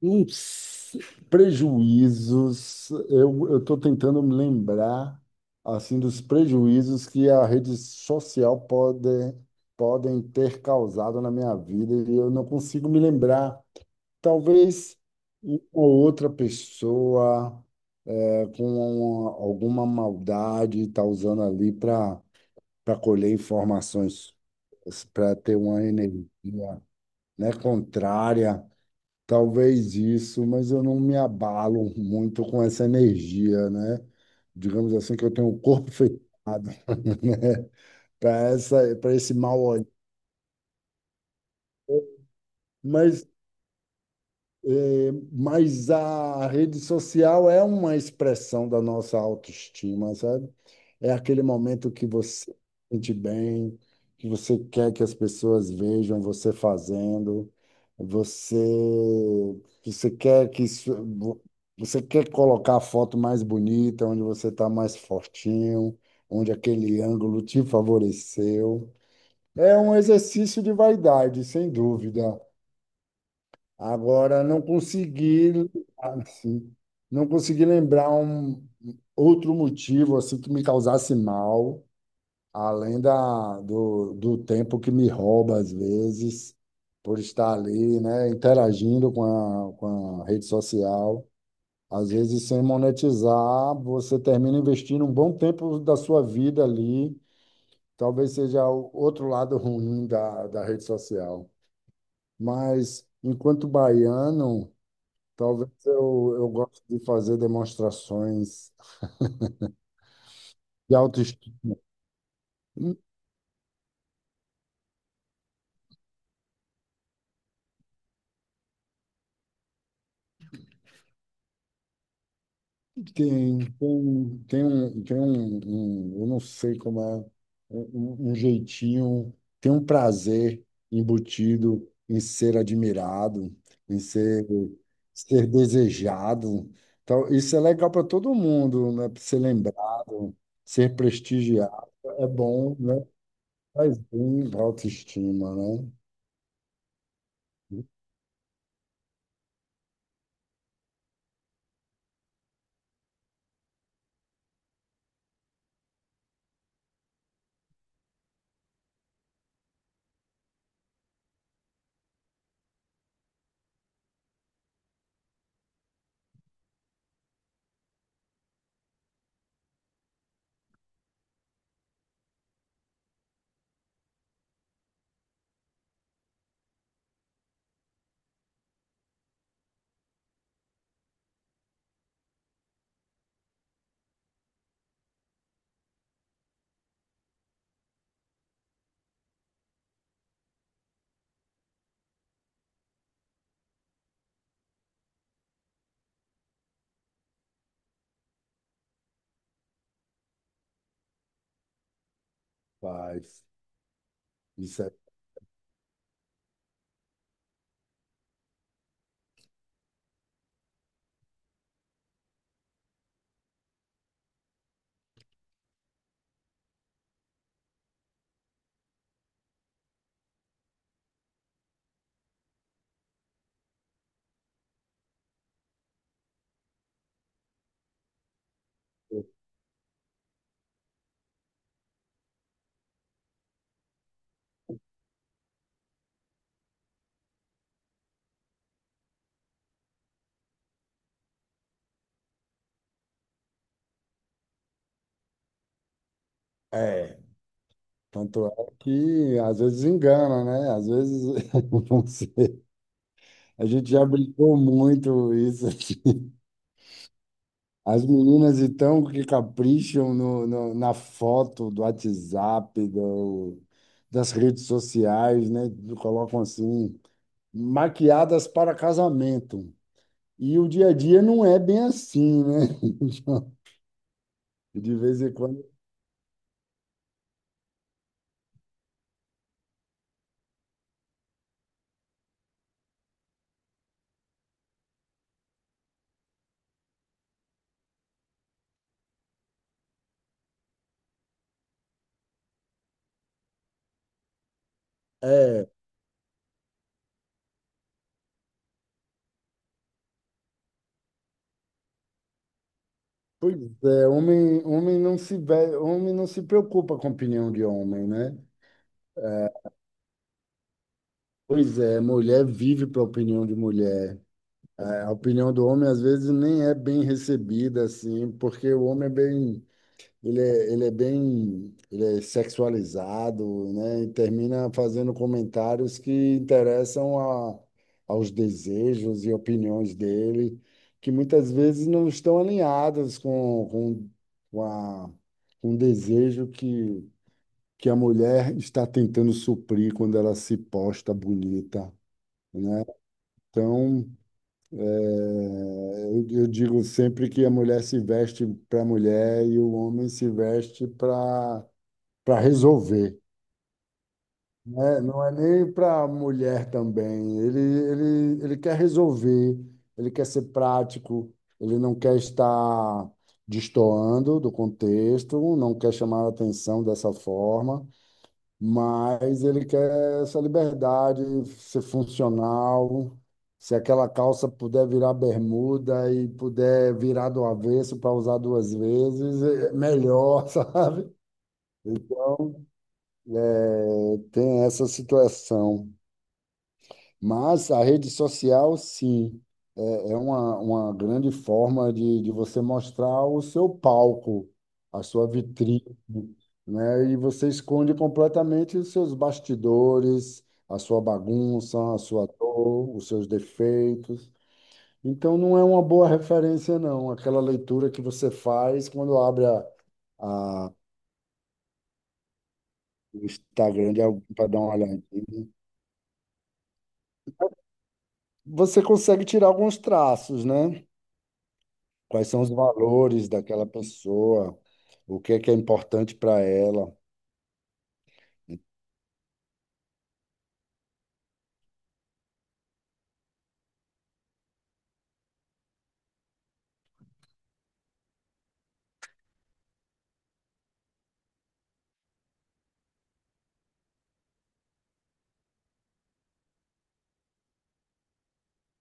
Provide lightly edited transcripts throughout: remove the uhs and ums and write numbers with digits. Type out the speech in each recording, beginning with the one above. Uns prejuízos, eu estou tentando me lembrar assim dos prejuízos que a rede social podem ter causado na minha vida e eu não consigo me lembrar. Talvez uma ou outra pessoa com alguma maldade está usando ali para colher informações, para ter uma energia, né, contrária. Talvez isso, mas eu não me abalo muito com essa energia, né? Digamos assim que eu tenho o corpo fechado, né? Para essa, para esse mal olhar. Mas mas a rede social é uma expressão da nossa autoestima, sabe? É aquele momento que você se sente bem, que você quer que as pessoas vejam você fazendo, você, você quer que você quer colocar a foto mais bonita, onde você está mais fortinho, onde aquele ângulo te favoreceu. É um exercício de vaidade, sem dúvida. Agora, não consegui, assim, não consegui lembrar um outro motivo assim que me causasse mal, além do tempo que me rouba às vezes, por estar ali, né, interagindo com a rede social. Às vezes, sem monetizar, você termina investindo um bom tempo da sua vida ali. Talvez seja o outro lado ruim da rede social. Mas, enquanto baiano, talvez eu goste de fazer demonstrações de autoestima. Tem, tem, eu não sei como é, um, um jeitinho, tem um prazer embutido em ser admirado, em ser, ser desejado. Então, isso é legal para todo mundo, né? Ser lembrado, ser prestigiado. É bom, né? Faz bem para a autoestima, né? Faz. Isso é. É. Tanto é que às vezes engana, né? Às vezes não sei. A gente já brincou muito isso, assim. As meninas então que capricham na foto do WhatsApp, do, das redes sociais, né? Colocam assim, maquiadas para casamento. E o dia a dia não é bem assim, né? De vez em quando. É, pois é, homem não se, ve- homem não se preocupa com a opinião de homem, né? Pois é, mulher vive para a opinião de mulher. A opinião do homem às vezes nem é bem recebida assim, porque o homem é bem, ele é bem, ele é sexualizado, né? E termina fazendo comentários que interessam a, aos desejos e opiniões dele, que muitas vezes não estão alinhadas com a, com o desejo que a mulher está tentando suprir quando ela se posta bonita. Né, então, é, eu digo sempre que a mulher se veste para a mulher e o homem se veste para resolver. Né? Não é nem para a mulher também. Ele quer resolver, ele quer ser prático, ele não quer estar destoando do contexto, não quer chamar a atenção dessa forma. Mas ele quer essa liberdade, ser funcional. Se aquela calça puder virar bermuda e puder virar do avesso para usar duas vezes, é melhor, sabe? Então, é, tem essa situação. Mas a rede social, sim, é, é uma grande forma de você mostrar o seu palco, a sua vitrine, né? E você esconde completamente os seus bastidores, a sua bagunça, a sua dor, os seus defeitos. Então, não é uma boa referência, não, aquela leitura que você faz quando abre a, o Instagram de alguém para dar uma olhadinha. Você consegue tirar alguns traços, né? Quais são os valores daquela pessoa? O que é importante para ela?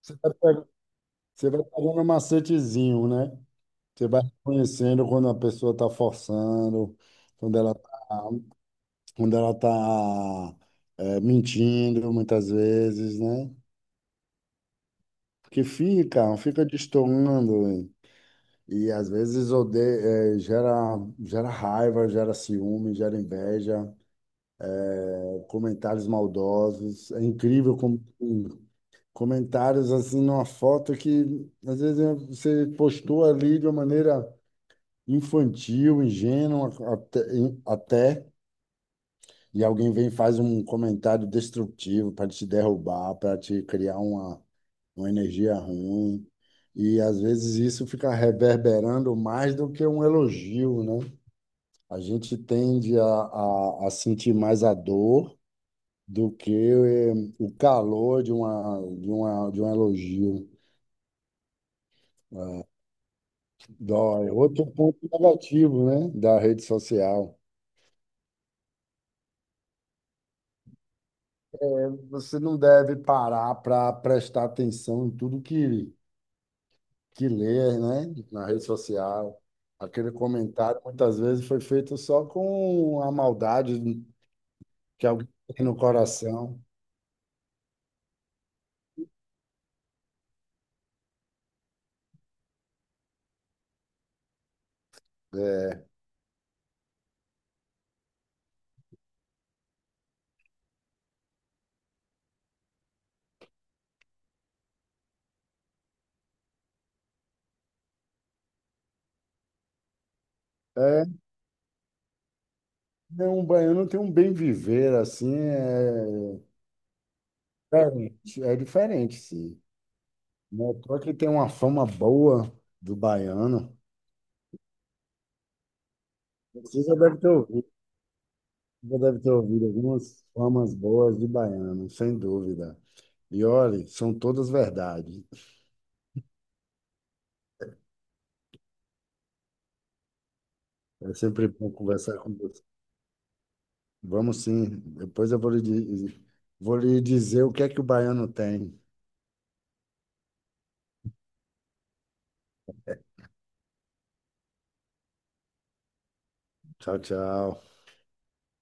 Você vai pegando, Você vai pegando um macetezinho, né? Você vai conhecendo quando a pessoa está forçando, quando ela está, quando ela tá, é, mentindo muitas vezes, né? Porque fica destoando, hein? E às vezes odeia, gera raiva, gera ciúme, gera inveja, comentários maldosos. É incrível como comentários assim numa foto que às vezes você postou ali de uma maneira infantil, ingênua até, e alguém vem e faz um comentário destrutivo para te derrubar, para te criar uma energia ruim. E às vezes isso fica reverberando mais do que um elogio, né? A gente tende a sentir mais a dor do que o calor de de um elogio. Dói. Outro ponto negativo, né, da rede social. Você não deve parar para prestar atenção em tudo que lê, né, na rede social. Aquele comentário muitas vezes foi feito só com a maldade que alguém tem no coração. É, é, né, um baiano tem um bem viver assim, é diferente, é diferente, sim. Não é à toa que tem uma fama boa do baiano. Você já deve ter ouvido. Já deve ter ouvido algumas famas boas de baiano, sem dúvida. E olhe, são todas verdade. É sempre bom conversar com você. Vamos sim, depois eu vou vou lhe dizer o que é que o baiano tem. Tchau, tchau.